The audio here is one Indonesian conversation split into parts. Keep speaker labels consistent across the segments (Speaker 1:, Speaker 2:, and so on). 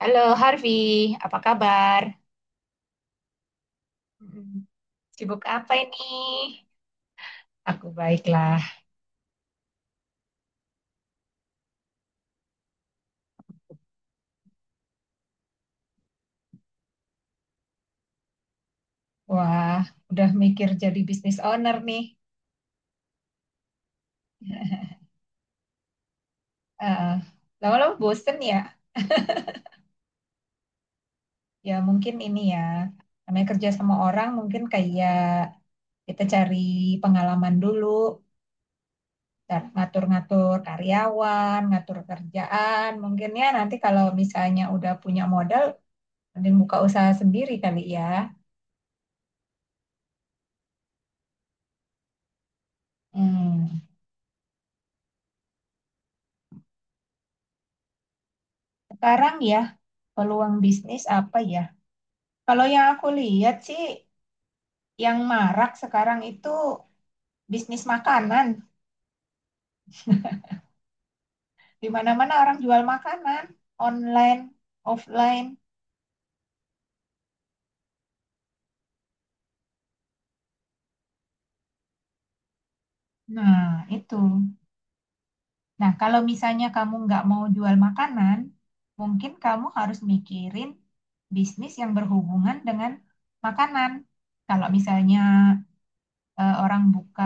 Speaker 1: Halo Harvey, apa kabar? Mm-mm. Sibuk apa ini? Aku baiklah. Wah, udah mikir jadi bisnis owner nih. Eh, Lama-lama bosen ya? Ya mungkin ini ya, namanya kerja sama orang mungkin kayak kita cari pengalaman dulu, ntar ngatur-ngatur karyawan, ngatur kerjaan. Mungkin ya nanti kalau misalnya udah punya modal, mending buka usaha sendiri kali ya. Hmm. Sekarang ya, peluang bisnis apa ya? Kalau yang aku lihat sih, yang marak sekarang itu bisnis makanan. Di mana-mana orang jual makanan, online, offline. Nah, itu. Nah, kalau misalnya kamu nggak mau jual makanan, mungkin kamu harus mikirin bisnis yang berhubungan dengan makanan. Kalau misalnya orang buka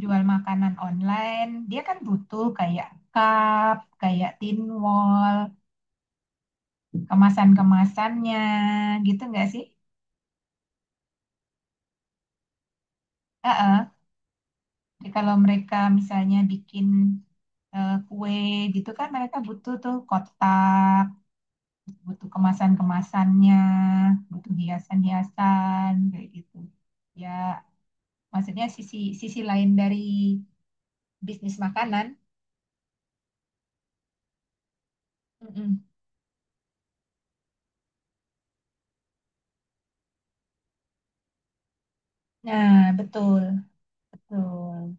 Speaker 1: jual makanan online, dia kan butuh kayak cup, kayak tin wall, kemasan-kemasannya, gitu nggak sih? Heeh. Jadi, kalau mereka misalnya bikin kue gitu kan mereka butuh tuh kotak, butuh kemasan-kemasannya, butuh hiasan-hiasan, kayak gitu. Ya, maksudnya sisi sisi lain dari bisnis makanan. Mm-mm. Nah, betul, betul.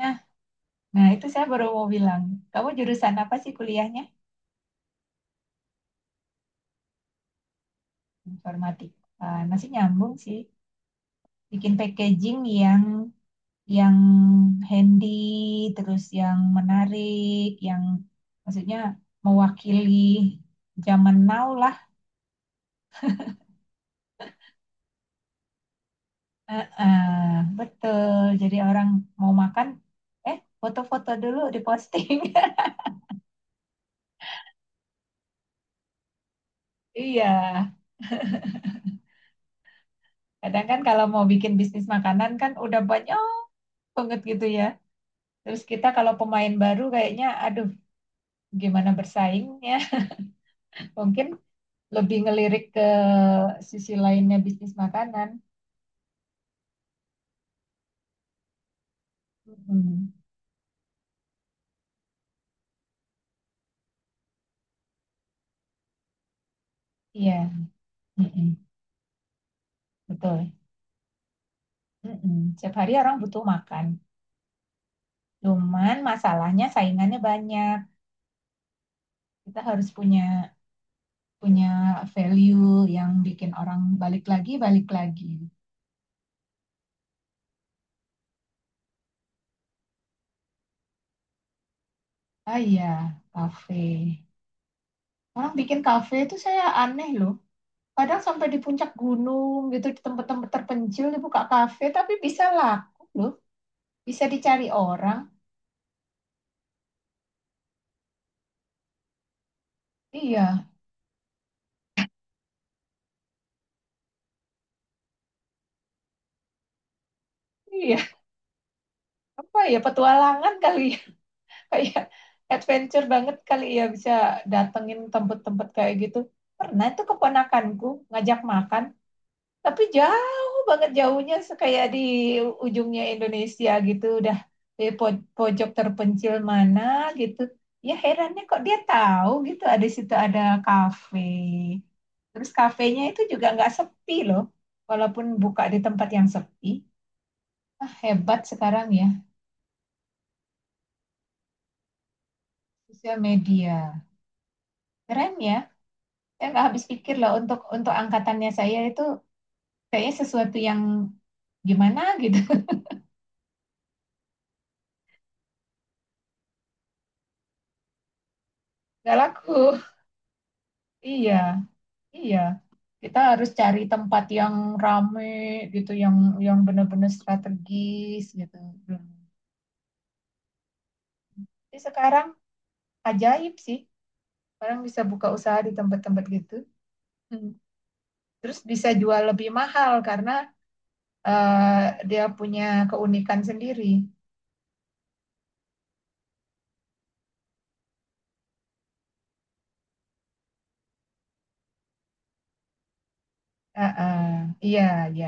Speaker 1: Nah, Nah, itu saya baru mau bilang, kamu jurusan apa sih kuliahnya? Informatik. Ah, masih nyambung sih. Bikin packaging yang handy, terus yang menarik, yang maksudnya mewakili zaman now lah. Eh, eh, betul. Jadi orang mau makan, foto-foto dulu diposting. Iya. Kadang kan kalau mau bikin bisnis makanan kan udah banyak banget gitu ya. Terus kita kalau pemain baru kayaknya aduh gimana bersaingnya. Mungkin lebih ngelirik ke sisi lainnya bisnis makanan. Mm-mm. Iya, Mm-mm. Betul. Mm-mm. Setiap hari orang butuh makan. Cuman masalahnya saingannya banyak. Kita harus punya punya value yang bikin orang balik lagi, balik lagi. Ah iya, kafe. Orang bikin kafe itu saya aneh loh. Kadang sampai di puncak gunung gitu, di tempat-tempat terpencil dibuka kafe, tapi bisa laku loh. Bisa dicari orang. Iya, iya. Apa ya petualangan kali ya. Kayak adventure banget kali ya bisa datengin tempat-tempat kayak gitu. Pernah itu keponakanku ngajak makan, tapi jauh banget jauhnya, kayak di ujungnya Indonesia gitu, udah di pojok terpencil mana gitu. Ya herannya kok dia tahu, gitu ada situ ada kafe. Terus kafenya itu juga nggak sepi loh, walaupun buka di tempat yang sepi. Ah, hebat sekarang ya, sosial media. Keren ya. Saya nggak habis pikir loh untuk angkatannya saya itu kayaknya sesuatu yang gimana gitu. Nggak laku. Iya, iya. Kita harus cari tempat yang rame gitu, yang benar-benar strategis gitu. Hmm. Tapi sekarang ajaib sih. Orang bisa buka usaha di tempat-tempat gitu. Hmm. Terus bisa jual lebih mahal karena dia punya keunikan sendiri. Heeh. Iya, iya.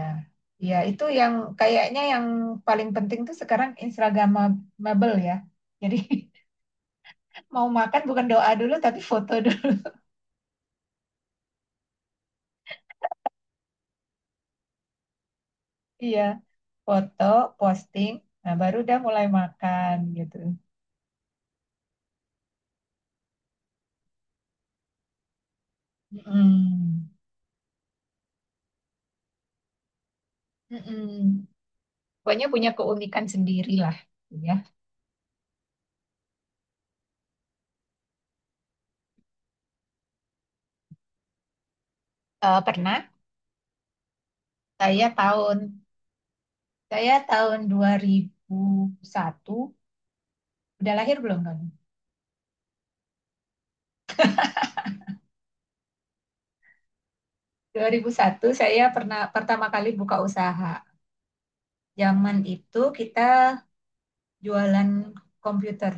Speaker 1: Iya, itu yang kayaknya yang paling penting tuh sekarang Instagramable ya. Jadi mau makan bukan doa dulu tapi foto dulu. Iya, foto, posting, nah baru udah mulai makan gitu. Mm-mm. Mm-mm. Pokoknya punya keunikan sendiri lah. Gitu ya. Pernah saya tahun saya tahun 2001 udah lahir belum kamu? Dua ribu satu saya pernah pertama kali buka usaha. Zaman itu kita jualan komputer.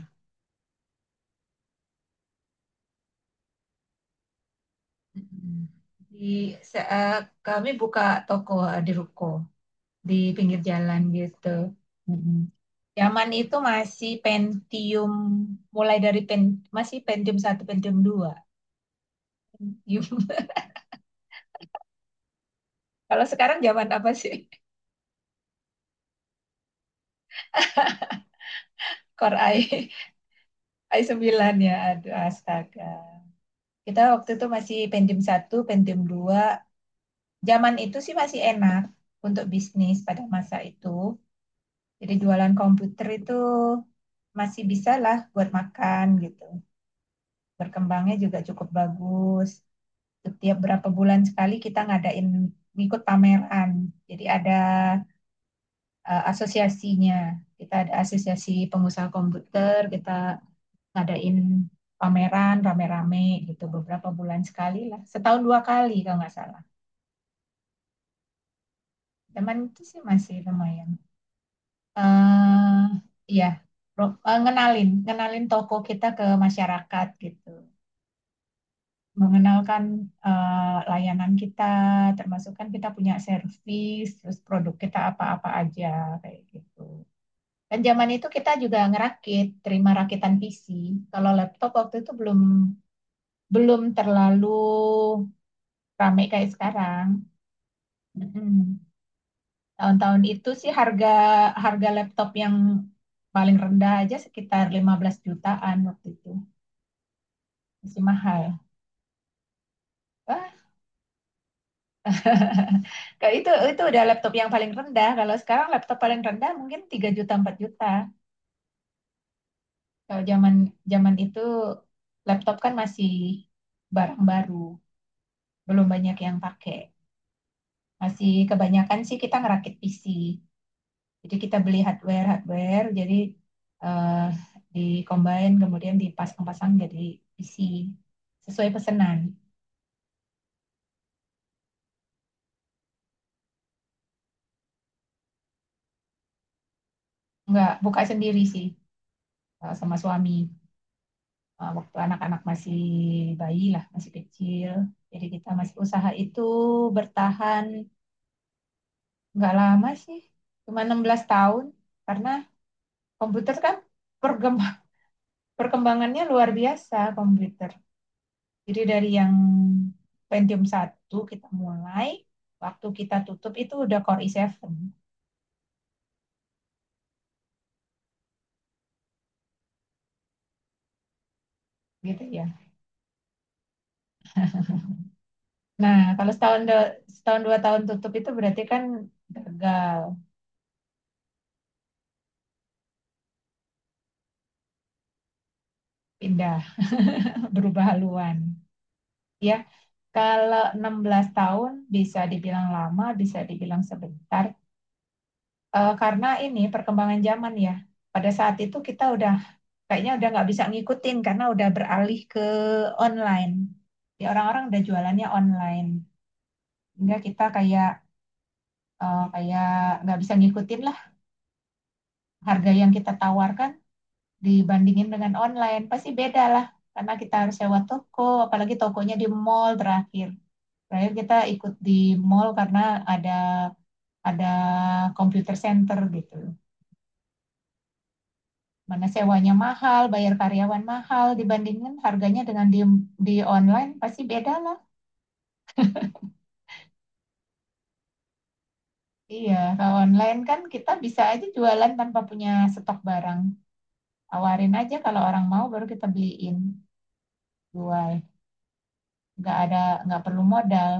Speaker 1: Mm. Di saat kami buka toko di ruko di pinggir jalan gitu. Mm. Zaman itu masih Pentium mulai dari masih Pentium 1 Pentium 2. Kalau sekarang zaman apa sih? Core i i9 ya. Aduh, astaga. Kita waktu itu masih Pentium 1 Pentium 2. Zaman itu sih masih enak untuk bisnis pada masa itu. Jadi jualan komputer itu masih bisa lah buat makan gitu. Berkembangnya juga cukup bagus. Setiap berapa bulan sekali kita ngadain ngikut pameran. Jadi ada asosiasinya. Kita ada asosiasi pengusaha komputer, kita ngadain pameran rame-rame gitu beberapa bulan sekali lah. Setahun 2 kali kalau nggak salah. Zaman itu sih masih lumayan. eh ya, ngenalin toko kita ke masyarakat gitu. Mengenalkan layanan kita, termasuk kan kita punya servis, terus produk kita apa-apa aja kayak gitu. Dan zaman itu kita juga ngerakit, terima rakitan PC. Kalau laptop waktu itu belum belum terlalu rame kayak sekarang. Mm-mm. Tahun-tahun itu sih harga harga laptop yang paling rendah aja sekitar 15 jutaan waktu itu. Masih mahal. Wah, kalau itu udah laptop yang paling rendah. Kalau sekarang laptop paling rendah mungkin 3 juta 4 juta. Kalau zaman zaman itu laptop kan masih barang baru, belum banyak yang pakai. Masih kebanyakan sih kita ngerakit PC. Jadi kita beli hardware hardware, jadi eh, di-combine kemudian dipasang-pasang jadi PC sesuai pesanan. Nggak buka sendiri sih sama suami. Waktu anak-anak masih bayi lah, masih kecil. Jadi kita masih usaha itu bertahan nggak lama sih, cuma 16 tahun karena komputer kan pergem- perkembangannya luar biasa komputer. Jadi dari yang Pentium 1 kita mulai, waktu kita tutup itu udah Core i7 gitu ya. Nah, kalau setahun setahun dua tahun tutup itu berarti kan gagal pindah berubah haluan ya. Kalau 16 tahun bisa dibilang lama, bisa dibilang sebentar, karena ini perkembangan zaman ya. Pada saat itu kita udah kayaknya udah nggak bisa ngikutin karena udah beralih ke online. Ya orang-orang udah jualannya online, hingga kita kayak nggak bisa ngikutin lah. Harga yang kita tawarkan dibandingin dengan online pasti beda lah, karena kita harus sewa toko, apalagi tokonya di mall. Terakhir terakhir kita ikut di mall karena ada computer center gitu, mana sewanya mahal, bayar karyawan mahal, dibandingin harganya dengan di online pasti beda lah. Iya, kalau online kan kita bisa aja jualan tanpa punya stok barang. Tawarin aja, kalau orang mau baru kita beliin jual. Nggak ada, nggak perlu modal.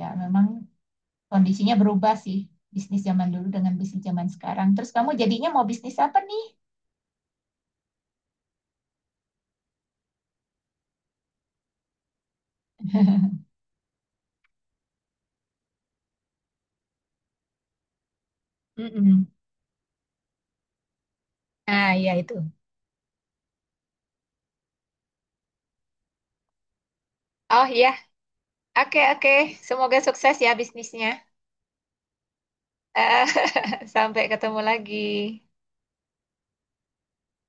Speaker 1: Ya memang kondisinya berubah sih, bisnis zaman dulu dengan bisnis zaman sekarang. Terus kamu jadinya mau bisnis apa nih? Mm-mm. Nah, ya itu. Oh ya, oke oke. Semoga sukses ya bisnisnya. Sampai ketemu lagi.